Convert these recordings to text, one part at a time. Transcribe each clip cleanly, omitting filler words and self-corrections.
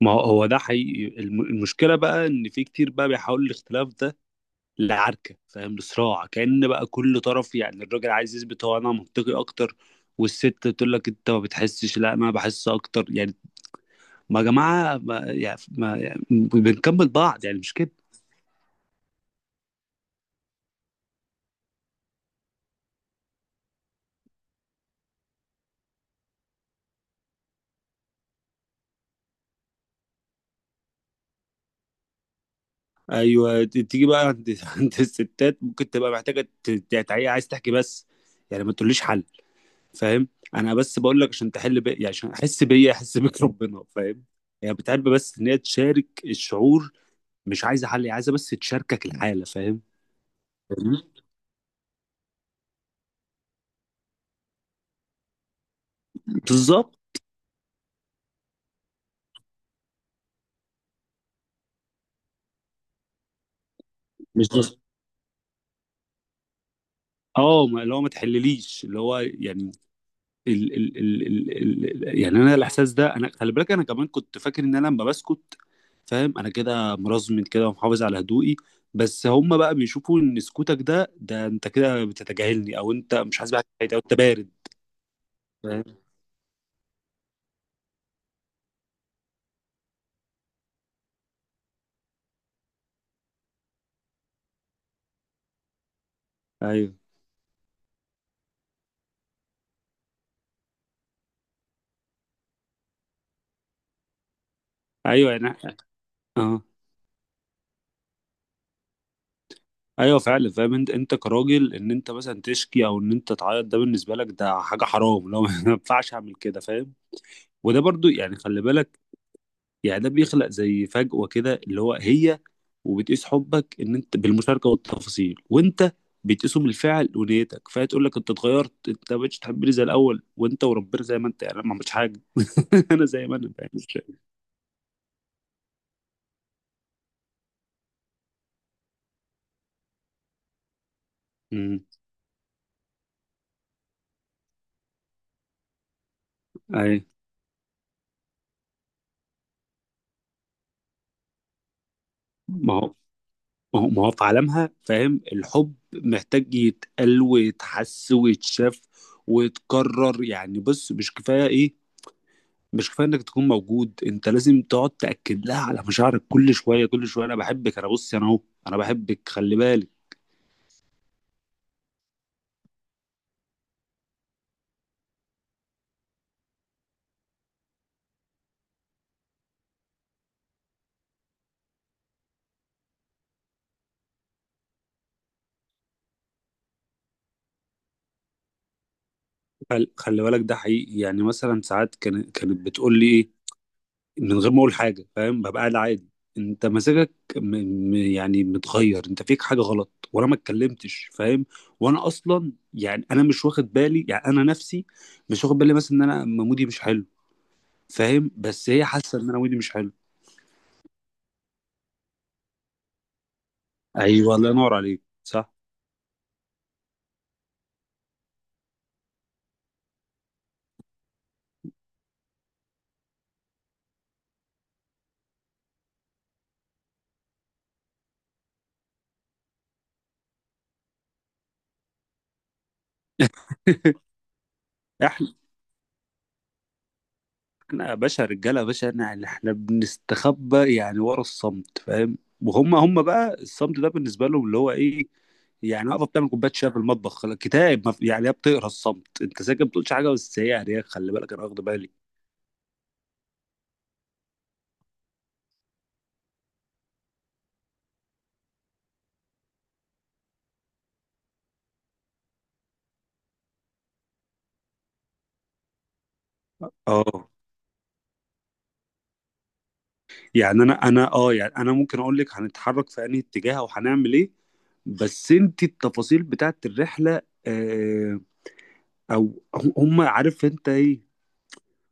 ما هو هو ده حقيقي. المشكلة بقى إن في كتير بقى بيحاول الاختلاف ده لعركة، فاهم، لصراع، كأن بقى كل طرف يعني الراجل عايز يثبت هو أنا منطقي أكتر، والست تقول لك أنت ما بتحسش، لا أنا بحس أكتر. يعني ما يا جماعة، ما يعني ما يعني بنكمل بعض، يعني مش كده؟ أيوه. تيجي بقى عند عند الستات ممكن تبقى محتاجة عايز تحكي بس، يعني ما تقوليش حل. فاهم، انا بس بقول لك عشان تحل بي، يعني عشان احس بيا احس بيك ربنا. فاهم، يعني بتحب بس ان هي تشارك الشعور، مش عايزه حل، هي عايزه بس تشاركك الحاله. فاهم؟ فاهمني؟ بالظبط. مش بس. اه، اللي هو ما تحلليش، اللي هو يعني ال ال ال ال ال يعني انا الاحساس ده، انا خلي بالك انا كمان كنت فاكر ان انا لما بسكت، فاهم، انا كده مرزم كده ومحافظ على هدوئي. بس هم بقى بيشوفوا ان سكوتك ده، ده انت كده بتتجاهلني، او انت مش حاسس بحاجه، او انت بارد. فاهم. ايوه. ايوه يعني. اه. ايوه فعلا، فاهم انت انت كراجل ان انت مثلا تشكي او ان انت تعيط، ده بالنسبه لك ده حاجه حرام، لو ما ينفعش اعمل كده. فاهم. وده برضو يعني خلي بالك، يعني ده بيخلق زي فجوه كده، اللي هو هي وبتقيس حبك ان انت بالمشاركه والتفاصيل، وانت بتقيسه بالفعل ونيتك، فهي تقول لك انت اتغيرت، انت ما بقتش تحبني زي الاول، وانت وربنا زي ما انت، يعني أنا ما عملتش حاجه، انا زي ما انا. فاهم. مم. ايوه. ما هو ما هو في عالمها، فاهم، الحب محتاج يتقال ويتحس ويتشاف ويتكرر. يعني بص، مش كفاية ايه، مش كفاية انك تكون موجود، انت لازم تقعد تأكد لها على مشاعرك كل شوية، كل شوية انا بحبك، انا بص انا اهو، انا بحبك، خلي بالك. خلي بالك ده حقيقي. يعني مثلا ساعات كانت بتقول لي ايه من غير ما اقول حاجه، فاهم، ببقى قاعد عادي، انت مزاجك يعني متغير، انت فيك حاجه غلط، وانا ما اتكلمتش. فاهم، وانا اصلا يعني انا مش واخد بالي، يعني انا نفسي مش واخد بالي مثلا ان انا مودي مش حلو، فاهم، بس هي حاسه ان انا مودي مش حلو. ايوه الله ينور عليك، صح. احنا يا باشا رجاله يا باشا، احنا يعني احنا بنستخبى يعني ورا الصمت، فاهم، وهم هم بقى الصمت ده بالنسبه لهم اللي هو ايه، يعني واقفه بتعمل كوبايه شاي في المطبخ، خلاص، كتاب ما يعني هي بتقرا الصمت، انت ساكت ما بتقولش حاجه، بس هي يعني هي خلي بالك انا واخد بالي. اه. يعني انا انا اه يعني انا ممكن اقول لك هنتحرك في انهي اتجاه او هنعمل ايه، بس انت التفاصيل بتاعت الرحله آه، او هم هم عارف انت ايه،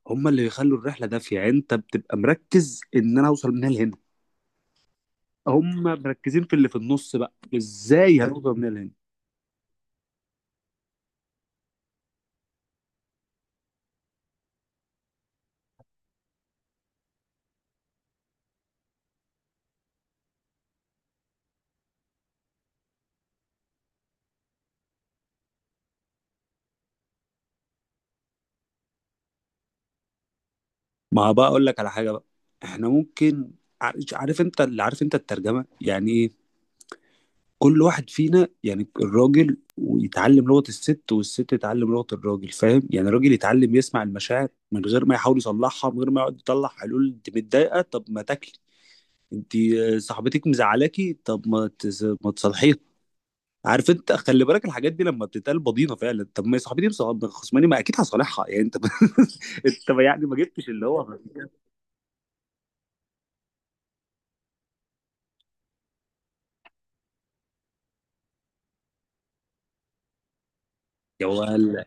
هم اللي بيخلوا الرحله دافيه. يعني انت بتبقى مركز ان انا اوصل من هنا لهنا، هم مركزين في اللي في النص بقى، ازاي هنوصل من هنا لهنا؟ ما هو بقى اقول لك على حاجه بقى، احنا ممكن، عارف، عارف انت اللي، عارف انت الترجمه يعني ايه، كل واحد فينا يعني الراجل ويتعلم لغه الست، والست تتعلم لغه الراجل، فاهم، يعني الراجل يتعلم يسمع المشاعر من غير ما يحاول يصلحها، من غير ما يقعد يطلع حلول، انت متضايقه طب ما تاكلي، انت آه، صاحبتك مزعلاكي طب ما تصلحيها. عارف انت خلي بالك الحاجات دي لما بتتقال بضينه فعلا، طب ما هي صاحبتي خصماني ما اكيد هصالحها، يعني انت انت ما يعني ما جبتش اللي هو. يا ولا.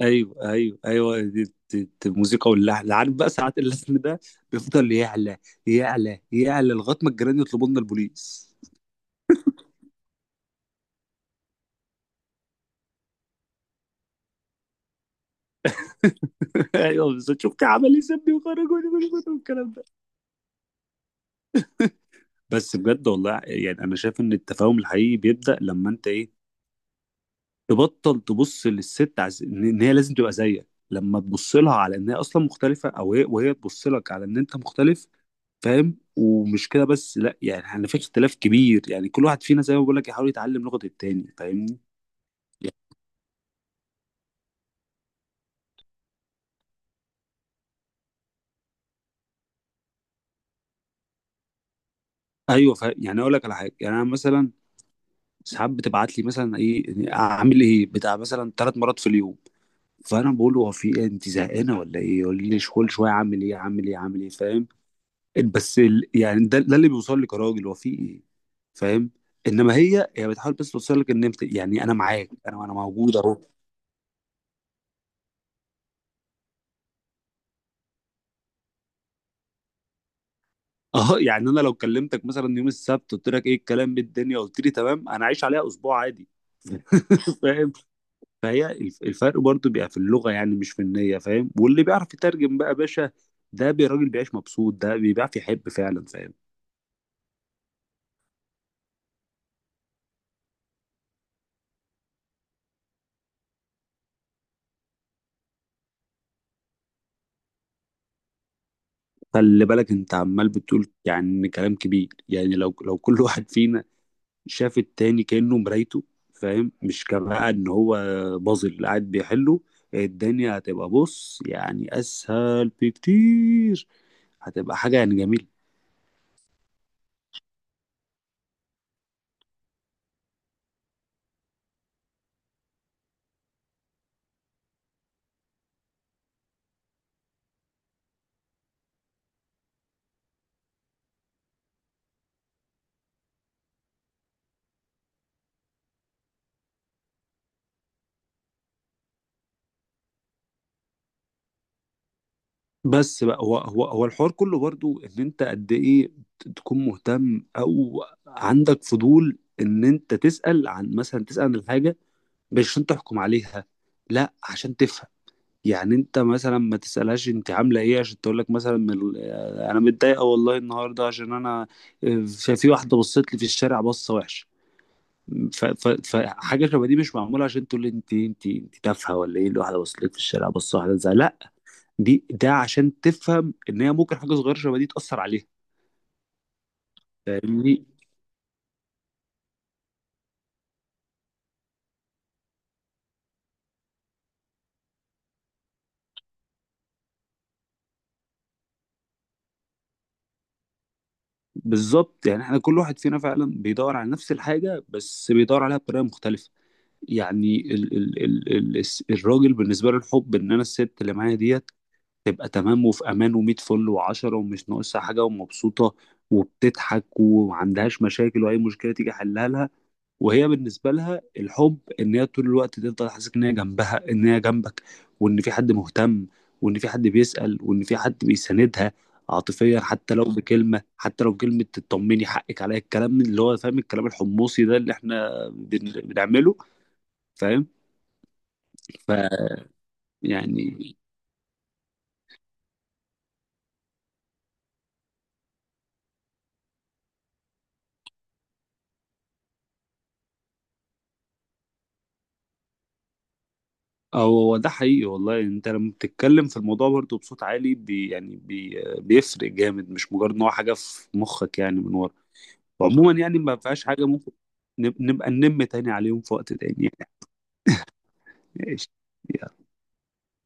ايوه ايوه ايوه، دي الموسيقى واللحن، عارف، بقى ساعات اللحن ده بيفضل يعلى، يعلى يعلى لغايه ما الجيران يطلبوا لنا البوليس. ايوه بالظبط، شفت عمل ايه، سابني وخرجوني من البيت والكلام ده. بس بجد والله يعني انا شايف ان التفاهم الحقيقي بيبدا لما انت ايه، تبطل تبص للست ان إن هي لازم تبقى زيك، لما تبص لها على ان هي اصلا مختلفه، او هي وهي تبص لك على ان انت مختلف. فاهم، ومش كده بس، لا يعني احنا في اختلاف كبير، يعني كل واحد فينا زي ما بقول لك يحاول يتعلم لغه التاني، فاهمني؟ يعني. ايوه يعني اقول لك على حاجه، يعني انا مثلا ساعات بتبعت لي مثلا ايه اعمل ايه بتاع، مثلا 3 مرات في اليوم، فانا بقول له هو في ايه، انت زهقانه ولا ايه، يقول لي كل شويه اعمل ايه اعمل ايه اعمل ايه، فاهم، بس يعني ده اللي بيوصل لك يا راجل هو في ايه. فاهم، انما هي هي بتحاول بس توصل لك ان انت، يعني انا معاك انا انا موجود اهو. اه يعني انا لو كلمتك مثلا يوم السبت قلت لك ايه الكلام بالدنيا، قلت لي تمام، انا عايش عليها اسبوع عادي. فاهم. فهي الفرق برضو بيبقى في اللغه، يعني مش في النيه، فاهم، واللي بيعرف يترجم بقى يا باشا، ده راجل بيعيش مبسوط، ده بيعرف يحب فعلا. فاهم. خلي بالك انت عمال بتقول يعني كلام كبير، يعني لو كل واحد فينا شاف التاني كأنه مرايته، فاهم، مش كبقى ان هو بازل قاعد بيحله، الدنيا هتبقى بص يعني اسهل بكتير، هتبقى حاجة يعني جميلة. بس بقى هو الحوار كله برضو ان انت قد ايه تكون مهتم او عندك فضول ان انت تسأل عن، مثلا تسأل عن الحاجة مش عشان تحكم عليها، لا عشان تفهم. يعني انت مثلا ما تسألهاش انت عاملة ايه عشان تقول لك مثلا من انا متضايقة والله النهاردة عشان انا في واحدة بصت لي في الشارع بصة وحشة، فحاجة شبه دي مش معمولة عشان تقول لي انت انت انت تافهة ولا ايه، الواحدة بصت لك في الشارع بصة واحدة زي، لا دي ده عشان تفهم ان هي ممكن حاجة صغيرة شبه دي تأثر عليها. فاهمني؟ بالظبط، يعني احنا كل واحد فينا فعلا بيدور على نفس الحاجة، بس بيدور عليها بطريقة مختلفة. يعني ال ال ال ال الراجل بالنسبة له الحب ان انا الست اللي معايا ديت تبقى تمام وفي امان ومية فل وعشرة، ومش ناقصها حاجه، ومبسوطه وبتضحك ومعندهاش مشاكل، واي مشكله تيجي حلها لها. وهي بالنسبه لها الحب ان هي طول الوقت تفضل حاسس ان هي جنبها، ان هي جنبك، وان في حد مهتم، وان في حد بيسأل، وان في حد بيساندها عاطفيا، حتى لو بكلمه، حتى لو بكلمه تطمني، حقك عليا، الكلام اللي هو فاهم الكلام الحمصي ده اللي احنا بنعمله. فاهم؟ فيعني هو ده حقيقي والله، انت لما بتتكلم في الموضوع برضه بصوت عالي يعني بيفرق جامد، مش مجرد ان هو حاجه في مخك يعني من ورا. وعموما يعني ما فيهاش حاجه، ممكن نبقى ننم تاني عليهم في وقت تاني يعني. ايش